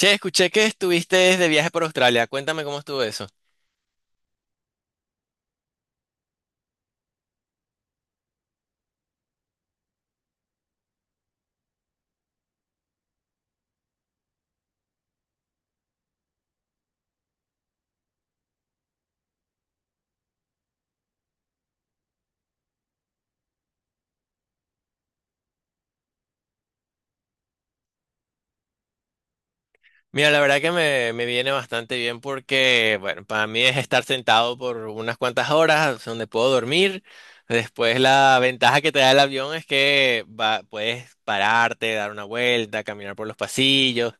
Che, escuché que estuviste de viaje por Australia. Cuéntame cómo estuvo eso. Mira, la verdad que me viene bastante bien porque, bueno, para mí es estar sentado por unas cuantas horas donde puedo dormir. Después la ventaja que te da el avión es que puedes pararte, dar una vuelta, caminar por los pasillos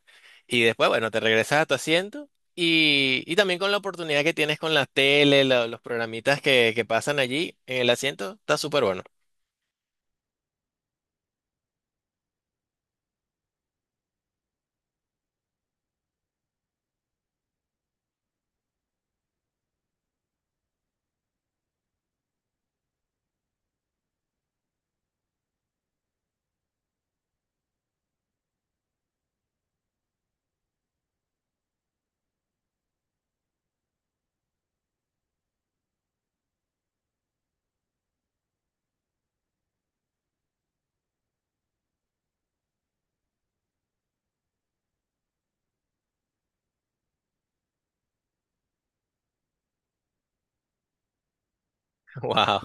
y después, bueno, te regresas a tu asiento y también con la oportunidad que tienes con la tele, los programitas que pasan allí en el asiento, está súper bueno. Wow.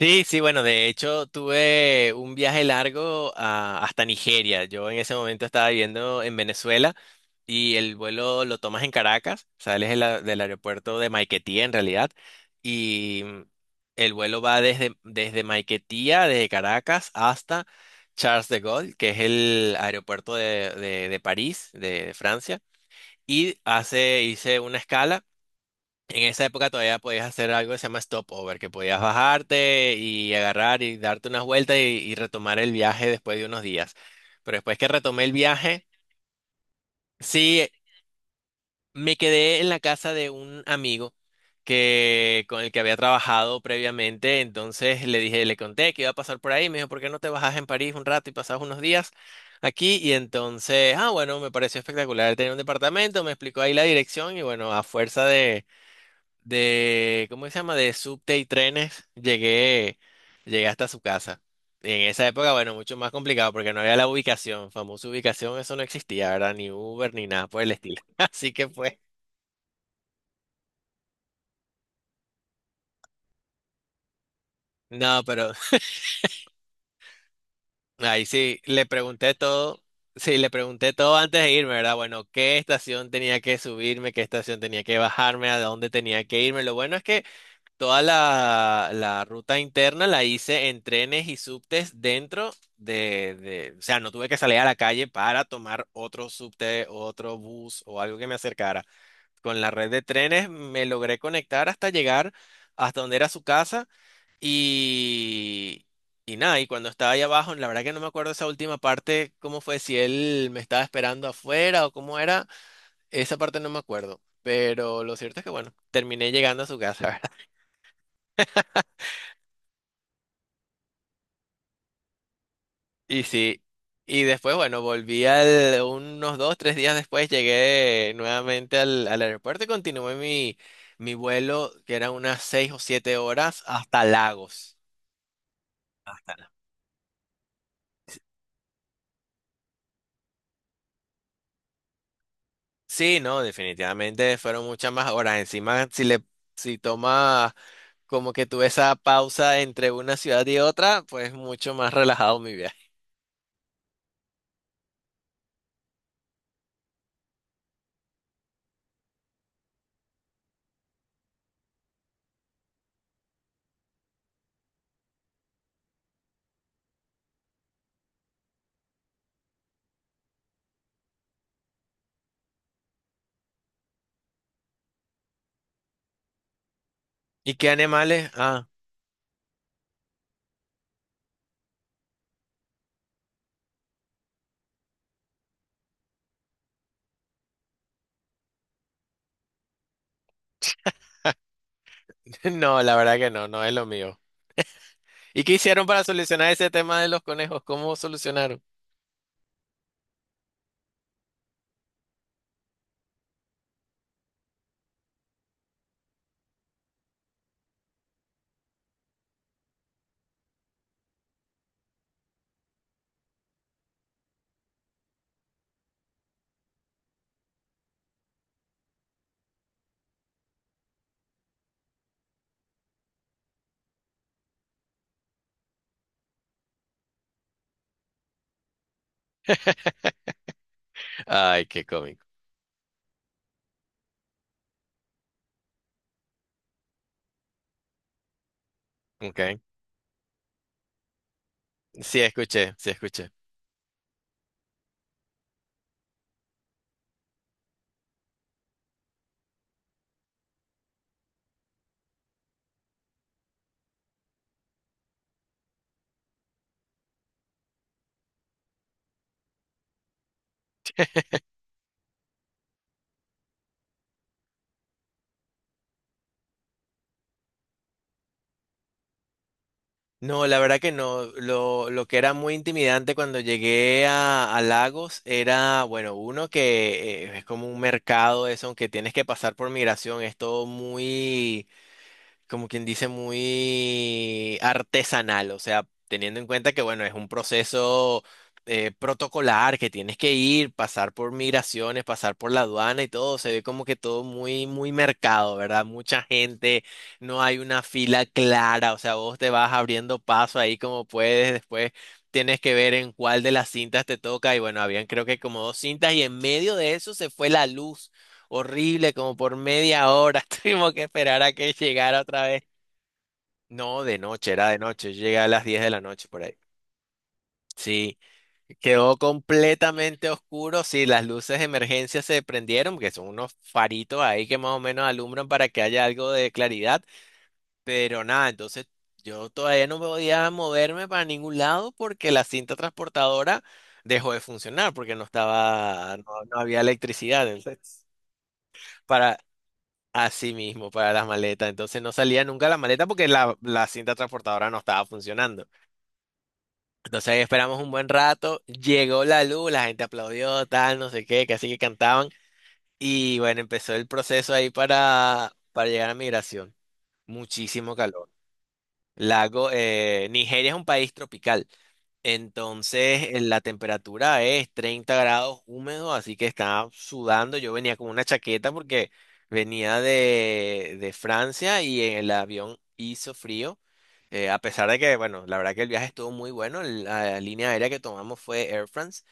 Sí, sí, bueno, de hecho tuve un viaje largo hasta Nigeria. Yo en ese momento estaba viviendo en Venezuela y el vuelo lo tomas en Caracas, sales de del aeropuerto de Maiquetía en realidad, y el vuelo va desde Maiquetía, desde Caracas hasta Charles de Gaulle, que es el aeropuerto de, de París, de Francia, y hice una escala. En esa época todavía podías hacer algo que se llama stopover, que podías bajarte y agarrar y darte unas vueltas y retomar el viaje después de unos días. Pero después que retomé el viaje, sí, me quedé en la casa de un amigo que, con el que había trabajado previamente. Entonces le dije, le conté que iba a pasar por ahí. Me dijo, ¿por qué no te bajas en París un rato y pasas unos días aquí? Y entonces, ah, bueno, me pareció espectacular. Él tenía un departamento, me explicó ahí la dirección y bueno, a fuerza de ¿cómo se llama? De subte y trenes, llegué hasta su casa. Y en esa época, bueno, mucho más complicado porque no había la ubicación, famosa ubicación, eso no existía, ¿verdad? Ni Uber ni nada por el estilo. Así que fue. No, pero ahí sí, le pregunté todo, sí, le pregunté todo antes de irme, ¿verdad? Bueno, qué estación tenía que subirme, qué estación tenía que bajarme, a dónde tenía que irme. Lo bueno es que toda la ruta interna la hice en trenes y subtes dentro de, o sea, no tuve que salir a la calle para tomar otro subte, otro bus o algo que me acercara. Con la red de trenes me logré conectar hasta llegar hasta donde era su casa y, y nada, y cuando estaba ahí abajo, la verdad que no me acuerdo esa última parte, cómo fue, si él me estaba esperando afuera o cómo era, esa parte no me acuerdo. Pero lo cierto es que bueno, terminé llegando a su casa. Y sí, y después, bueno, volví al, unos dos, tres días después, llegué nuevamente al, al aeropuerto y continué mi, mi vuelo, que eran unas 6 o 7 horas, hasta Lagos. Hasta la- Sí, no, definitivamente fueron muchas más horas. Encima, si tomas como que tuve esa pausa entre una ciudad y otra, pues mucho más relajado mi viaje. ¿Y qué animales? Ah, no, la verdad que no, no es lo mío. ¿Y qué hicieron para solucionar ese tema de los conejos? ¿Cómo solucionaron? Ay, qué cómico. Okay. Sí, escuché, sí, escuché. No, la verdad que no. Lo que era muy intimidante cuando llegué a Lagos era, bueno, uno que es como un mercado, eso, aunque tienes que pasar por migración, es todo muy como quien dice, muy artesanal, o sea, teniendo en cuenta que, bueno, es un proceso protocolar, que tienes que ir, pasar por migraciones, pasar por la aduana y todo, se ve como que todo muy, muy mercado, ¿verdad? Mucha gente, no hay una fila clara, o sea, vos te vas abriendo paso ahí como puedes, después tienes que ver en cuál de las cintas te toca y bueno, habían creo que como 2 cintas y en medio de eso se fue la luz horrible, como por media hora tuvimos que esperar a que llegara otra vez. No, de noche, era de noche, yo llegué a las 10 de la noche por ahí. Sí, quedó completamente oscuro, sí, las luces de emergencia se prendieron, que son unos faritos ahí que más o menos alumbran para que haya algo de claridad, pero nada, entonces yo todavía no podía moverme para ningún lado porque la cinta transportadora dejó de funcionar porque no estaba, no, no había electricidad, entonces, para así mismo, para las maletas. Entonces no salía nunca la maleta porque la cinta transportadora no estaba funcionando. Entonces ahí esperamos un buen rato, llegó la luz, la gente aplaudió, tal, no sé qué, casi que cantaban. Y bueno, empezó el proceso ahí para llegar a migración. Muchísimo calor. Lago, Nigeria es un país tropical. Entonces, la temperatura es 30 grados húmedo, así que estaba sudando. Yo venía con una chaqueta porque venía de Francia y en el avión hizo frío. A pesar de que, bueno, la verdad que el viaje estuvo muy bueno. La línea aérea que tomamos fue Air France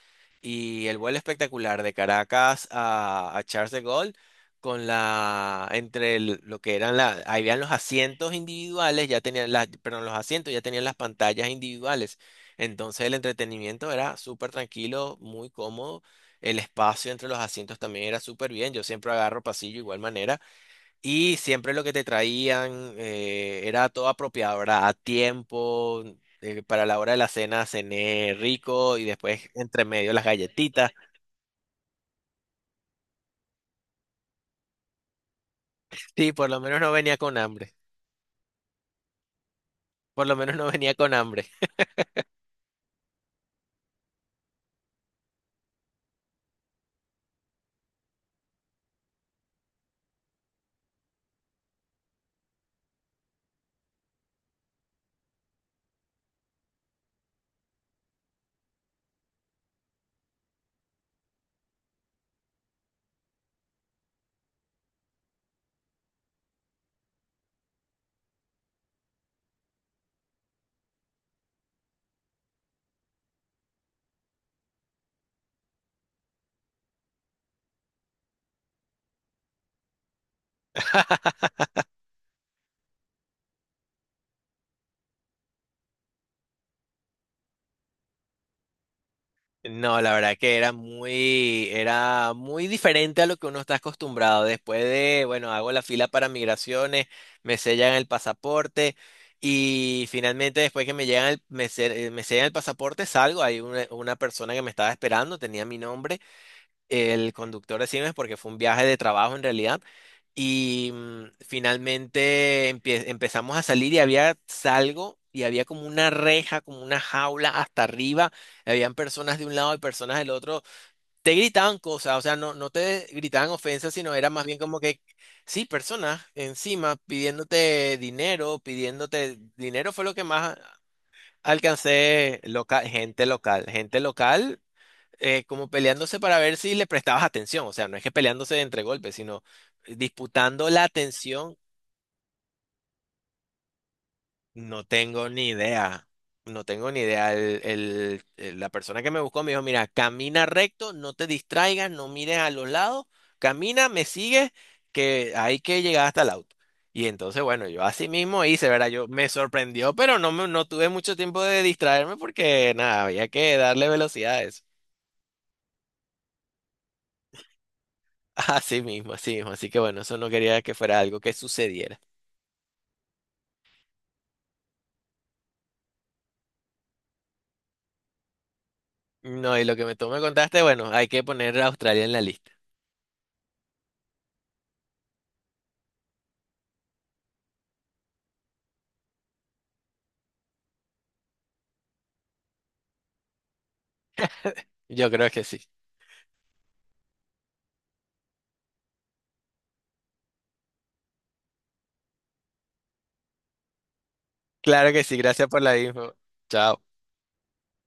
y el vuelo espectacular de Caracas a Charles de Gaulle con la, lo que eran la, ahí habían los asientos individuales, ya tenían las, perdón, los asientos ya tenían las pantallas individuales. Entonces el entretenimiento era súper tranquilo, muy cómodo. El espacio entre los asientos también era súper bien. Yo siempre agarro pasillo igual manera. Y siempre lo que te traían era todo apropiado, ¿verdad? A tiempo, para la hora de la cena cené rico y después entre medio las galletitas. Sí, por lo menos no venía con hambre. Por lo menos no venía con hambre. No, la verdad que era muy diferente a lo que uno está acostumbrado. Después de, bueno, hago la fila para migraciones, me sellan el pasaporte y finalmente después que me llegan el, me sellan el pasaporte salgo. Hay una persona que me estaba esperando, tenía mi nombre. El conductor de Siemens porque fue un viaje de trabajo en realidad. Y finalmente empezamos a salir y había salgo y había como una reja, como una jaula hasta arriba. Habían personas de un lado y personas del otro. Te gritaban cosas, o sea, no, no te gritaban ofensas, sino era más bien como que, sí, personas encima pidiéndote dinero fue lo que más alcancé local, gente local, gente local como peleándose para ver si le prestabas atención. O sea, no es que peleándose entre golpes, sino disputando la atención. No tengo ni idea. No tengo ni idea. La persona que me buscó me dijo, mira, camina recto, no te distraigas, no mires a los lados, camina, me sigues, que hay que llegar hasta el auto. Y entonces, bueno, yo así mismo hice, ¿verdad? Yo me sorprendió, pero no, no tuve mucho tiempo de distraerme porque nada, había que darle velocidad a eso. Así mismo, así mismo. Así que bueno, eso no quería que fuera algo que sucediera. No, y lo que me, tú me contaste, bueno, hay que poner a Australia en la lista. Yo creo que sí. Claro que sí, gracias por la info. Chao.